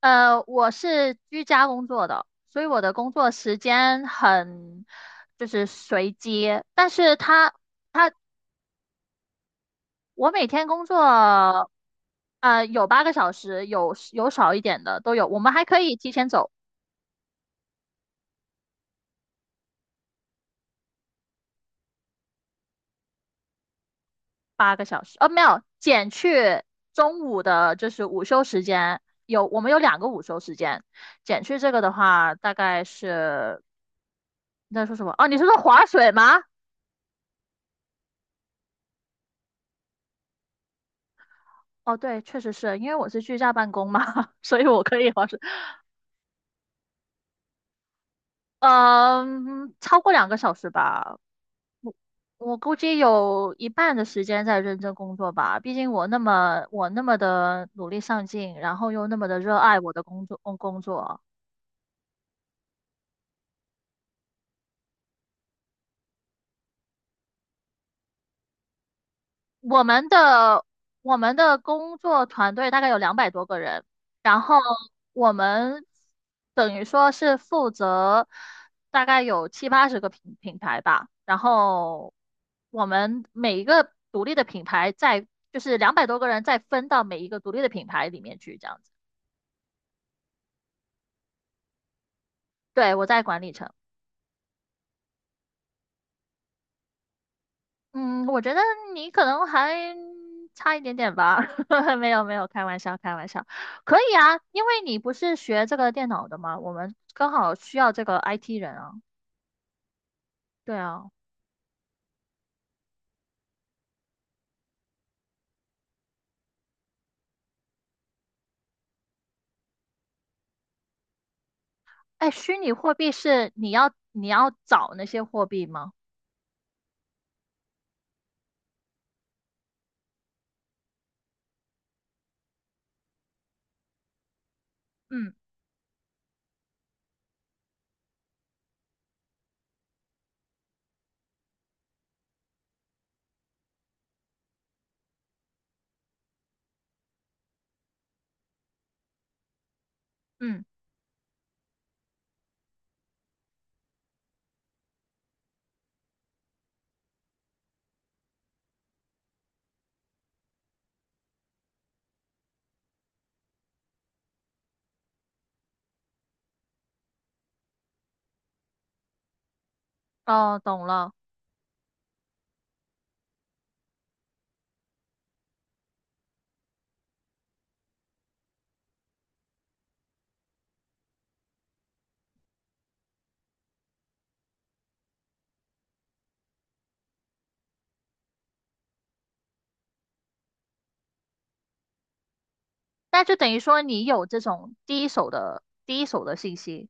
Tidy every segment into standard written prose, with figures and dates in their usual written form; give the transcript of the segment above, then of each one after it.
我是居家工作的，所以我的工作时间很就是随机，但是他我每天工作，有八个小时，有少一点的都有，我们还可以提前走八个小时。没有，减去中午的就是午休时间，我们有两个午休时间，减去这个的话，大概是你在说什么？哦，你是说划水吗？哦，对，确实是因为我是居家办公嘛，所以我可以划水。嗯，超过2个小时吧，我我估计有一半的时间在认真工作吧。毕竟我那么的努力上进，然后又那么的热爱我的工作。我们的我们的工作团队大概有两百多个人，然后我们等于说是负责大概有七八十个品牌吧，然后我们每一个独立的品牌再就是两百多个人再分到每一个独立的品牌里面去，这样子。对，我在管理层。嗯，我觉得你可能还差一点点吧，没有没有，开玩笑开玩笑，可以啊，因为你不是学这个电脑的嘛，我们刚好需要这个 IT 人啊，对啊，哎，虚拟货币是你要找那些货币吗？嗯嗯，哦，懂了，那就等于说你有这种第一手的信息，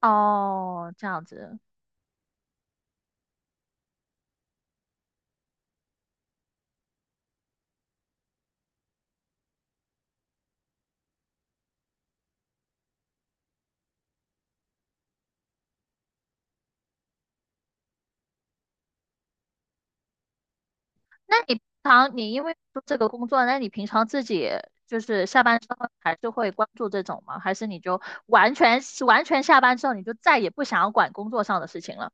哦，这样子。那你平常你因为做这个工作，那你平常自己就是下班之后还是会关注这种吗？还是你就完全下班之后你就再也不想要管工作上的事情了？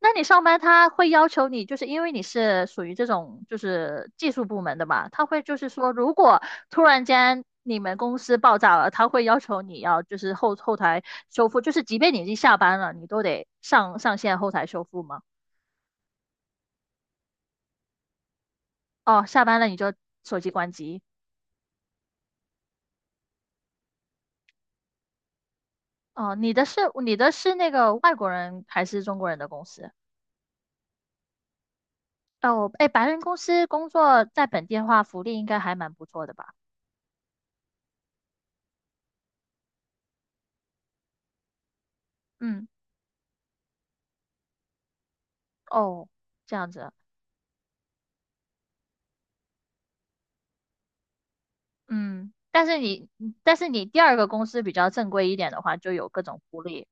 那你上班他会要求你，就是因为你是属于这种就是技术部门的嘛，他会就是说，如果突然间你们公司爆炸了，他会要求你要就是后台修复，就是即便你已经下班了，你都得上线后台修复吗？哦，下班了你就手机关机。哦，你的是那个外国人还是中国人的公司？哦，哎，白人公司工作在本地的话，福利应该还蛮不错的吧？嗯，哦，这样子，嗯，但是你第二个公司比较正规一点的话，就有各种福利。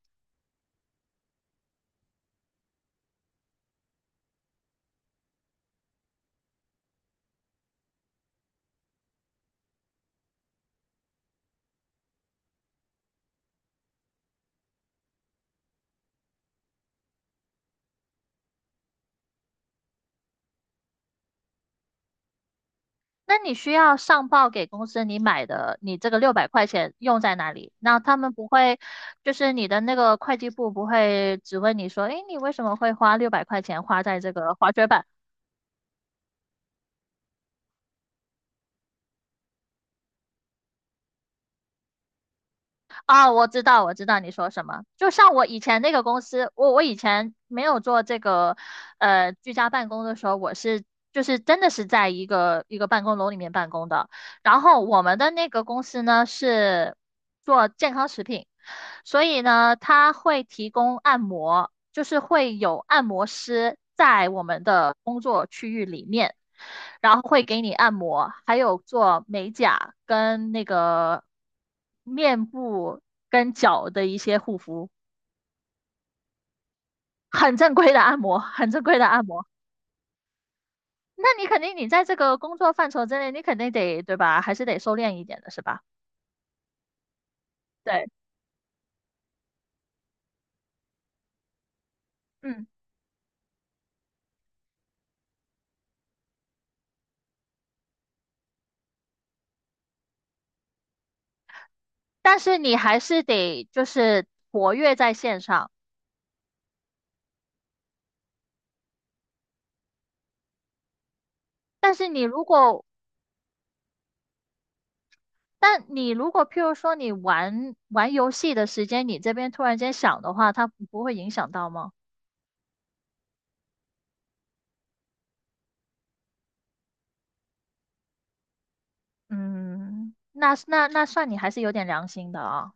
那你需要上报给公司你买的，你这个六百块钱用在哪里？那他们不会，就是你的那个会计部不会只问你说，哎，你为什么会花六百块钱花在这个滑雪板？啊，我知道，我知道你说什么。就像我以前那个公司，我以前没有做这个，居家办公的时候，我是就是真的是在一个办公楼里面办公的。然后我们的那个公司呢是做健康食品，所以呢，它会提供按摩，就是会有按摩师在我们的工作区域里面，然后会给你按摩，还有做美甲跟那个面部跟脚的一些护肤，很正规的按摩，很正规的按摩。那你肯定你在这个工作范畴之内，你肯定得，对吧？还是得收敛一点的，是吧？对，嗯。但是你还是得就是活跃在线上。但是你如果，但你如果譬如说你玩玩游戏的时间，你这边突然间响的话，它不会影响到吗？嗯，那算你还是有点良心的啊。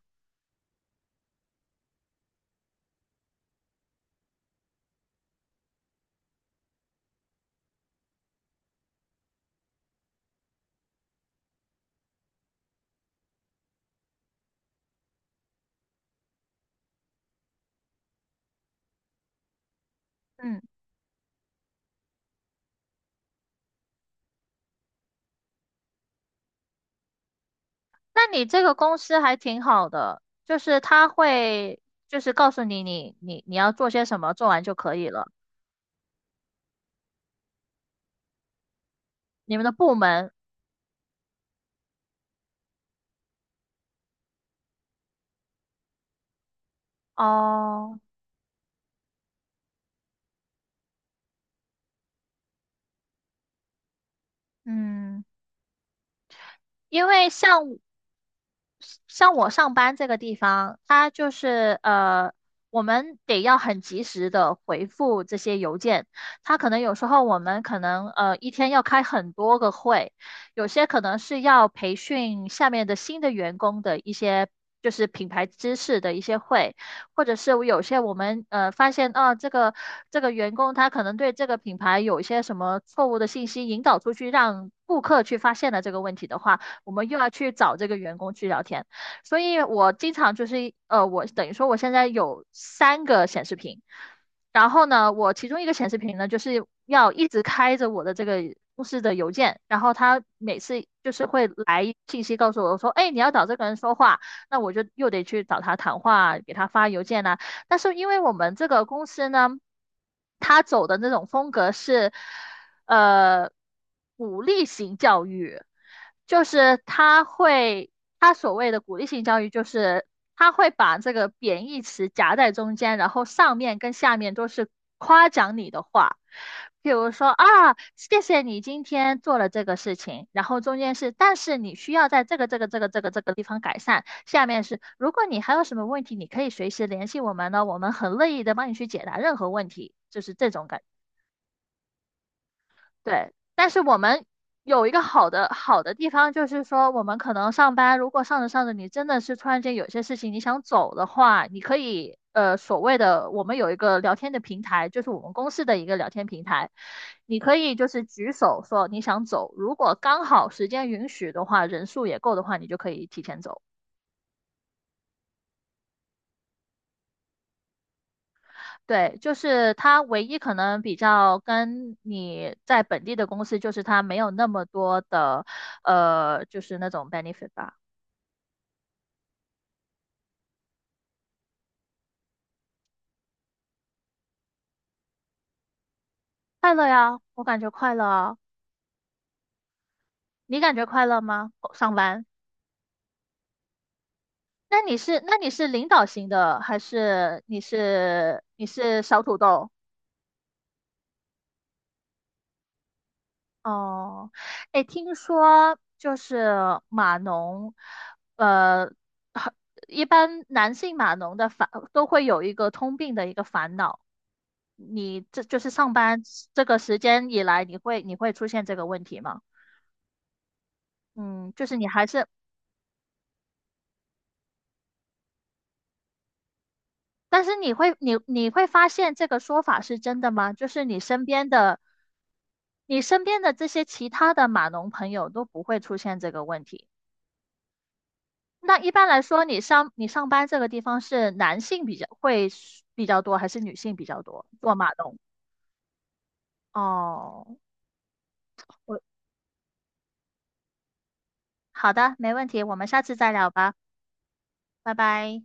嗯，那你这个公司还挺好的，就是他会就是告诉你要做些什么，做完就可以了。你们的部门哦，嗯。因为像我上班这个地方，它就是我们得要很及时的回复这些邮件。它可能有时候我们可能一天要开很多个会，有些可能是要培训下面的新的员工的一些就是品牌知识的一些会，或者是有些我们发现啊这个员工他可能对这个品牌有一些什么错误的信息引导出去，让顾客去发现了这个问题的话。我们又要去找这个员工去聊天。所以我经常就是我等于说我现在有三个显示屏，然后呢，我其中一个显示屏呢，就是要一直开着我的这个公司的邮件，然后他每次就是会来信息告诉我说，哎，你要找这个人说话，那我就又得去找他谈话，给他发邮件呐、但是因为我们这个公司呢，他走的那种风格是，呃鼓励型教育，就是他会，他所谓的鼓励性教育，就是他会把这个贬义词夹在中间，然后上面跟下面都是夸奖你的话。比如说啊，谢谢你今天做了这个事情，然后中间是，但是你需要在这个地方改善。下面是，如果你还有什么问题，你可以随时联系我们呢，我们很乐意的帮你去解答任何问题，就是这种感觉对，但是我们有一个好的地方，就是说我们可能上班，如果上着上着，你真的是突然间有些事情你想走的话，你可以所谓的我们有一个聊天的平台，就是我们公司的一个聊天平台，你可以就是举手说你想走，如果刚好时间允许的话，人数也够的话，你就可以提前走。对，就是它唯一可能比较跟你在本地的公司，就是它没有那么多的就是那种 benefit 吧。快乐呀，我感觉快乐啊。你感觉快乐吗？上班？那你是领导型的，还是你是小土豆？哦，哎，听说就是码农，呃，很一般男性码农的烦都会有一个通病的一个烦恼，你这就是上班这个时间以来，你会出现这个问题吗？嗯，就是你还是但是你会你你会发现这个说法是真的吗？就是你身边的这些其他的码农朋友都不会出现这个问题。那一般来说，你上班这个地方是男性比较会比较多，还是女性比较多做码农？哦，我好的，没问题，我们下次再聊吧，拜拜。